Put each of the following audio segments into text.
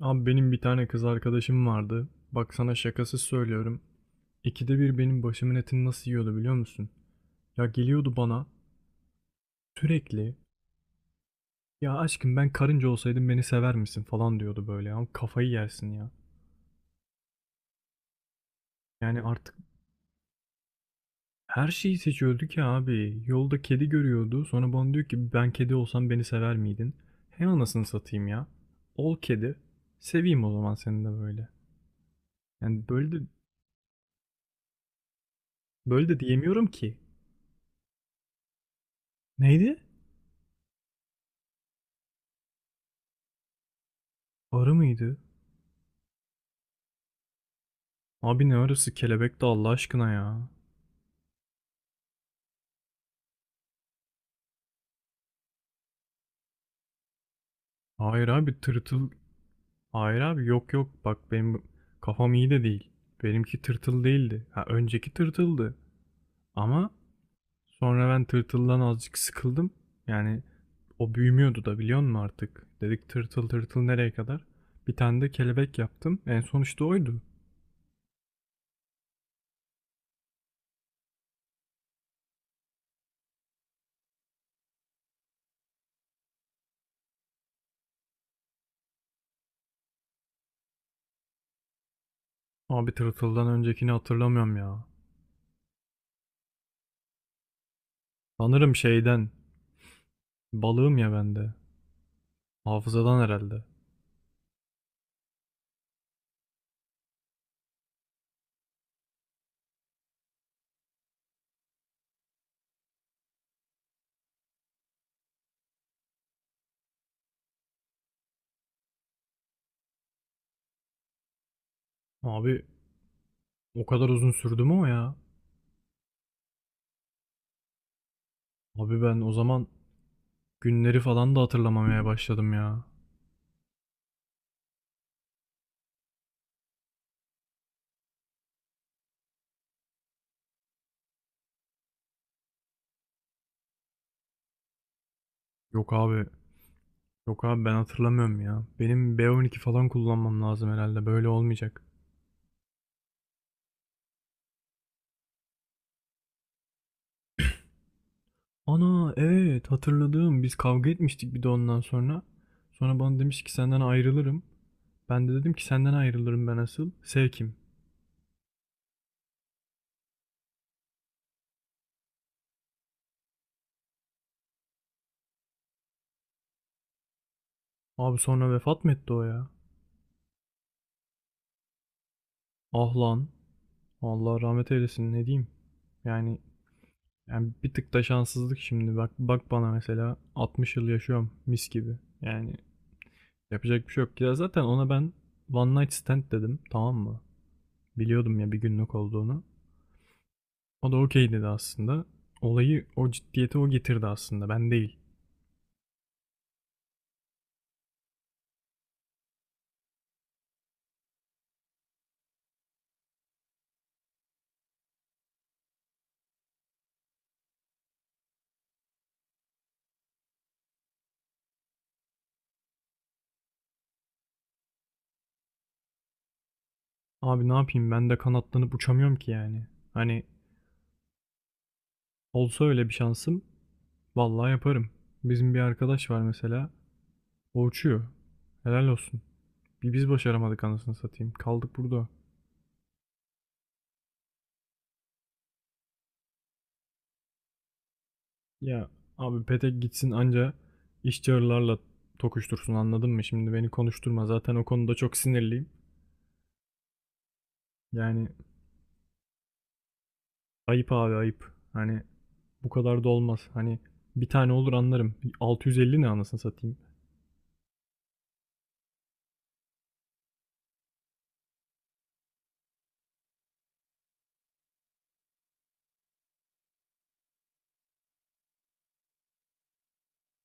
Abi benim bir tane kız arkadaşım vardı. Bak sana şakasız söylüyorum. İkide bir benim başımın etini nasıl yiyordu biliyor musun? Ya geliyordu bana sürekli. Ya aşkım ben karınca olsaydım beni sever misin falan diyordu böyle. Ya kafayı yersin ya. Yani artık her şeyi seçiyordu ki abi. Yolda kedi görüyordu. Sonra bana diyor ki ben kedi olsam beni sever miydin? He anasını satayım ya. Ol kedi. Seveyim o zaman seni de böyle. Yani böyle de diyemiyorum ki. Neydi? Arı mıydı? Abi ne arası kelebek de Allah aşkına ya. Hayır abi tırtıl. Hayır abi yok yok bak benim kafam iyi de değil. Benimki tırtıl değildi. Ha önceki tırtıldı. Ama sonra ben tırtıldan azıcık sıkıldım. Yani o büyümüyordu da biliyor musun artık? Dedik tırtıl tırtıl nereye kadar? Bir tane de kelebek yaptım. En son işte oydu. Abi tırtıldan öncekini hatırlamıyorum ya. Sanırım şeyden. Balığım ya bende. Hafızadan herhalde. Abi o kadar uzun sürdü mü o ya? Abi ben o zaman günleri falan da hatırlamamaya başladım ya. Yok abi. Yok abi ben hatırlamıyorum ya. Benim B12 falan kullanmam lazım herhalde. Böyle olmayacak. Ana evet hatırladım. Biz kavga etmiştik bir de ondan sonra. Sonra bana demiş ki senden ayrılırım. Ben de dedim ki senden ayrılırım ben asıl. Sevkim. Abi sonra vefat mı etti o ya? Ah lan. Allah rahmet eylesin ne diyeyim. Yani, yani, bir tık da şanssızlık şimdi. Bak bak bana mesela 60 yıl yaşıyorum mis gibi. Yani yapacak bir şey yok. Ya zaten ona ben one night stand dedim. Tamam mı? Biliyordum ya bir günlük olduğunu. O da okey dedi aslında. Olayı o ciddiyeti o getirdi aslında. Ben değil. Abi ne yapayım ben de kanatlanıp uçamıyorum ki yani. Hani olsa öyle bir şansım vallahi yaparım. Bizim bir arkadaş var mesela. O uçuyor. Helal olsun. Bir biz başaramadık anasını satayım. Kaldık burada. Ya abi petek gitsin anca işçilerle tokuştursun anladın mı? Şimdi beni konuşturma. Zaten o konuda çok sinirliyim. Yani ayıp abi ayıp. Hani bu kadar da olmaz. Hani bir tane olur anlarım. 650 ne anasını satayım.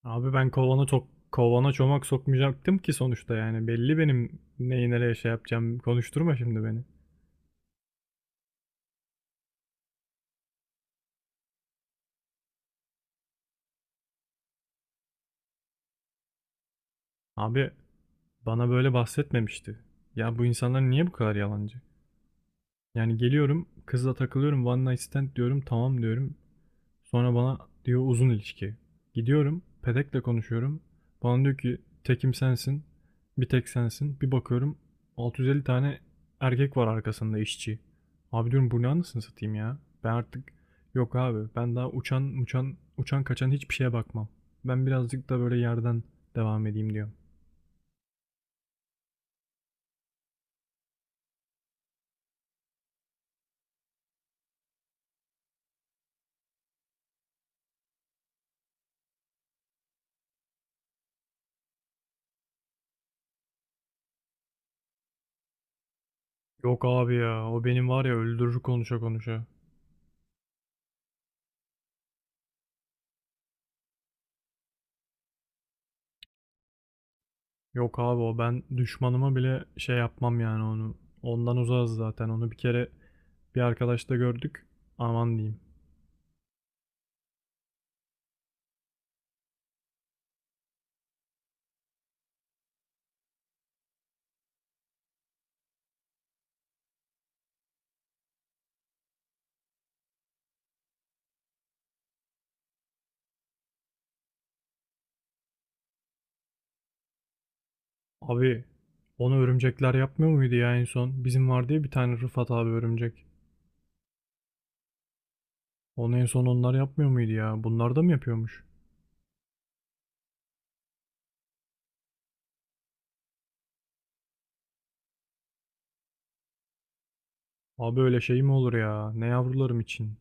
Abi ben kovana çomak sokmayacaktım ki sonuçta yani. Belli benim neyi nereye şey yapacağım. Konuşturma şimdi beni. Abi bana böyle bahsetmemişti. Ya bu insanlar niye bu kadar yalancı? Yani geliyorum kızla takılıyorum one night stand diyorum tamam diyorum. Sonra bana diyor uzun ilişki. Gidiyorum, pedekle konuşuyorum. Bana diyor ki tekim sensin, bir tek sensin. Bir bakıyorum 650 tane erkek var arkasında işçi. Abi diyorum bu ne anasını satayım ya. Ben artık yok abi ben daha uçan uçan uçan kaçan hiçbir şeye bakmam. Ben birazcık da böyle yerden devam edeyim diyor. Yok abi ya o benim var ya öldürür konuşa konuşa. Yok abi o ben düşmanıma bile şey yapmam yani onu. Ondan uzağız zaten onu bir kere bir arkadaşta gördük. Aman diyeyim. Abi onu örümcekler yapmıyor muydu ya en son? Bizim var diye bir tane Rıfat abi örümcek. Onu en son onlar yapmıyor muydu ya? Bunlar da mı yapıyormuş? Abi öyle şey mi olur ya? Ne yavrularım için?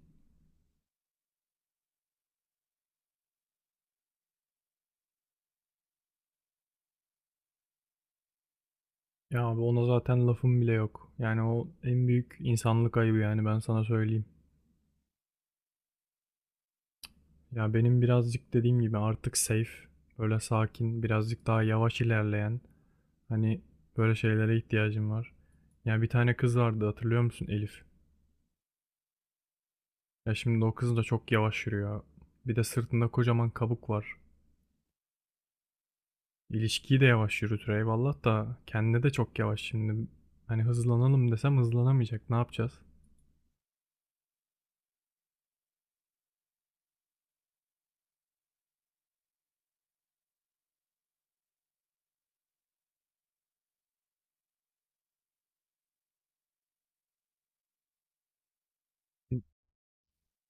Ya abi ona zaten lafım bile yok. Yani o en büyük insanlık ayıbı yani ben sana söyleyeyim. Ya benim birazcık dediğim gibi artık safe, böyle sakin, birazcık daha yavaş ilerleyen hani böyle şeylere ihtiyacım var. Ya bir tane kız vardı hatırlıyor musun Elif? Ya şimdi o kız da çok yavaş yürüyor. Bir de sırtında kocaman kabuk var. İlişkiyi de yavaş yürütür eyvallah da kendine de çok yavaş şimdi. Hani hızlanalım desem hızlanamayacak. Ne yapacağız?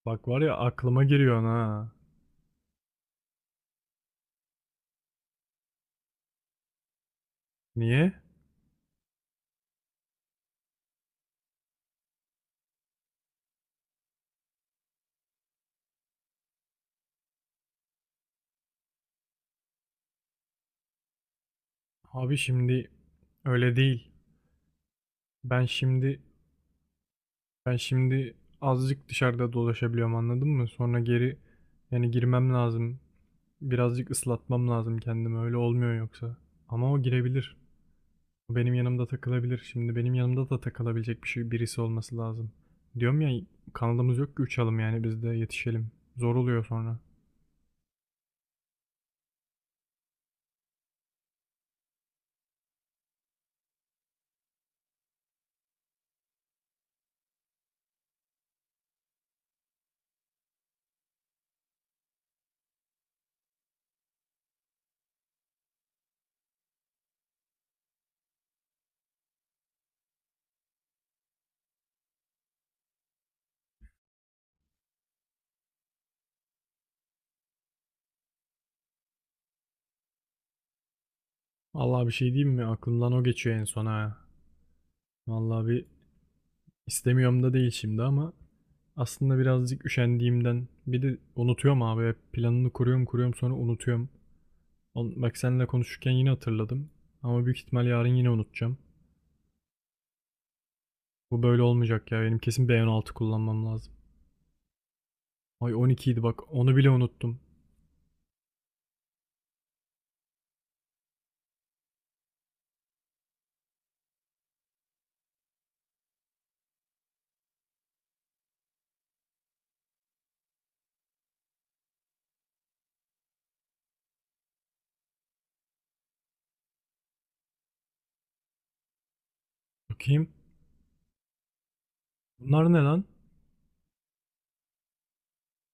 Bak var ya aklıma giriyor ha. Niye? Abi şimdi öyle değil. Ben şimdi ben şimdi azıcık dışarıda dolaşabiliyorum anladın mı? Sonra geri yani girmem lazım. Birazcık ıslatmam lazım kendimi. Öyle olmuyor yoksa. Ama o girebilir. Benim yanımda takılabilir. Şimdi benim yanımda da takılabilecek bir şey birisi olması lazım. Diyorum ya kanalımız yok ki uçalım yani biz de yetişelim. Zor oluyor sonra. Allah bir şey diyeyim mi? Aklımdan o geçiyor en son ha. Vallahi bir istemiyorum da değil şimdi ama aslında birazcık üşendiğimden bir de unutuyorum abi. Planını kuruyorum kuruyorum sonra unutuyorum. Bak seninle konuşurken yine hatırladım. Ama büyük ihtimal yarın yine unutacağım. Bu böyle olmayacak ya. Benim kesin B16 kullanmam lazım. Ay 12 idi bak onu bile unuttum. Bakayım. Bunlar ne lan?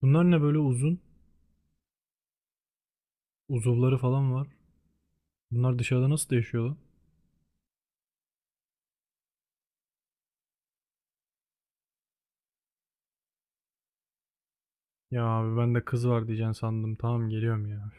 Bunlar ne böyle uzun? Uzuvları falan var. Bunlar dışarıda nasıl yaşıyor lan? Ya abi ben de kız var diyeceksin sandım. Tamam geliyorum ya.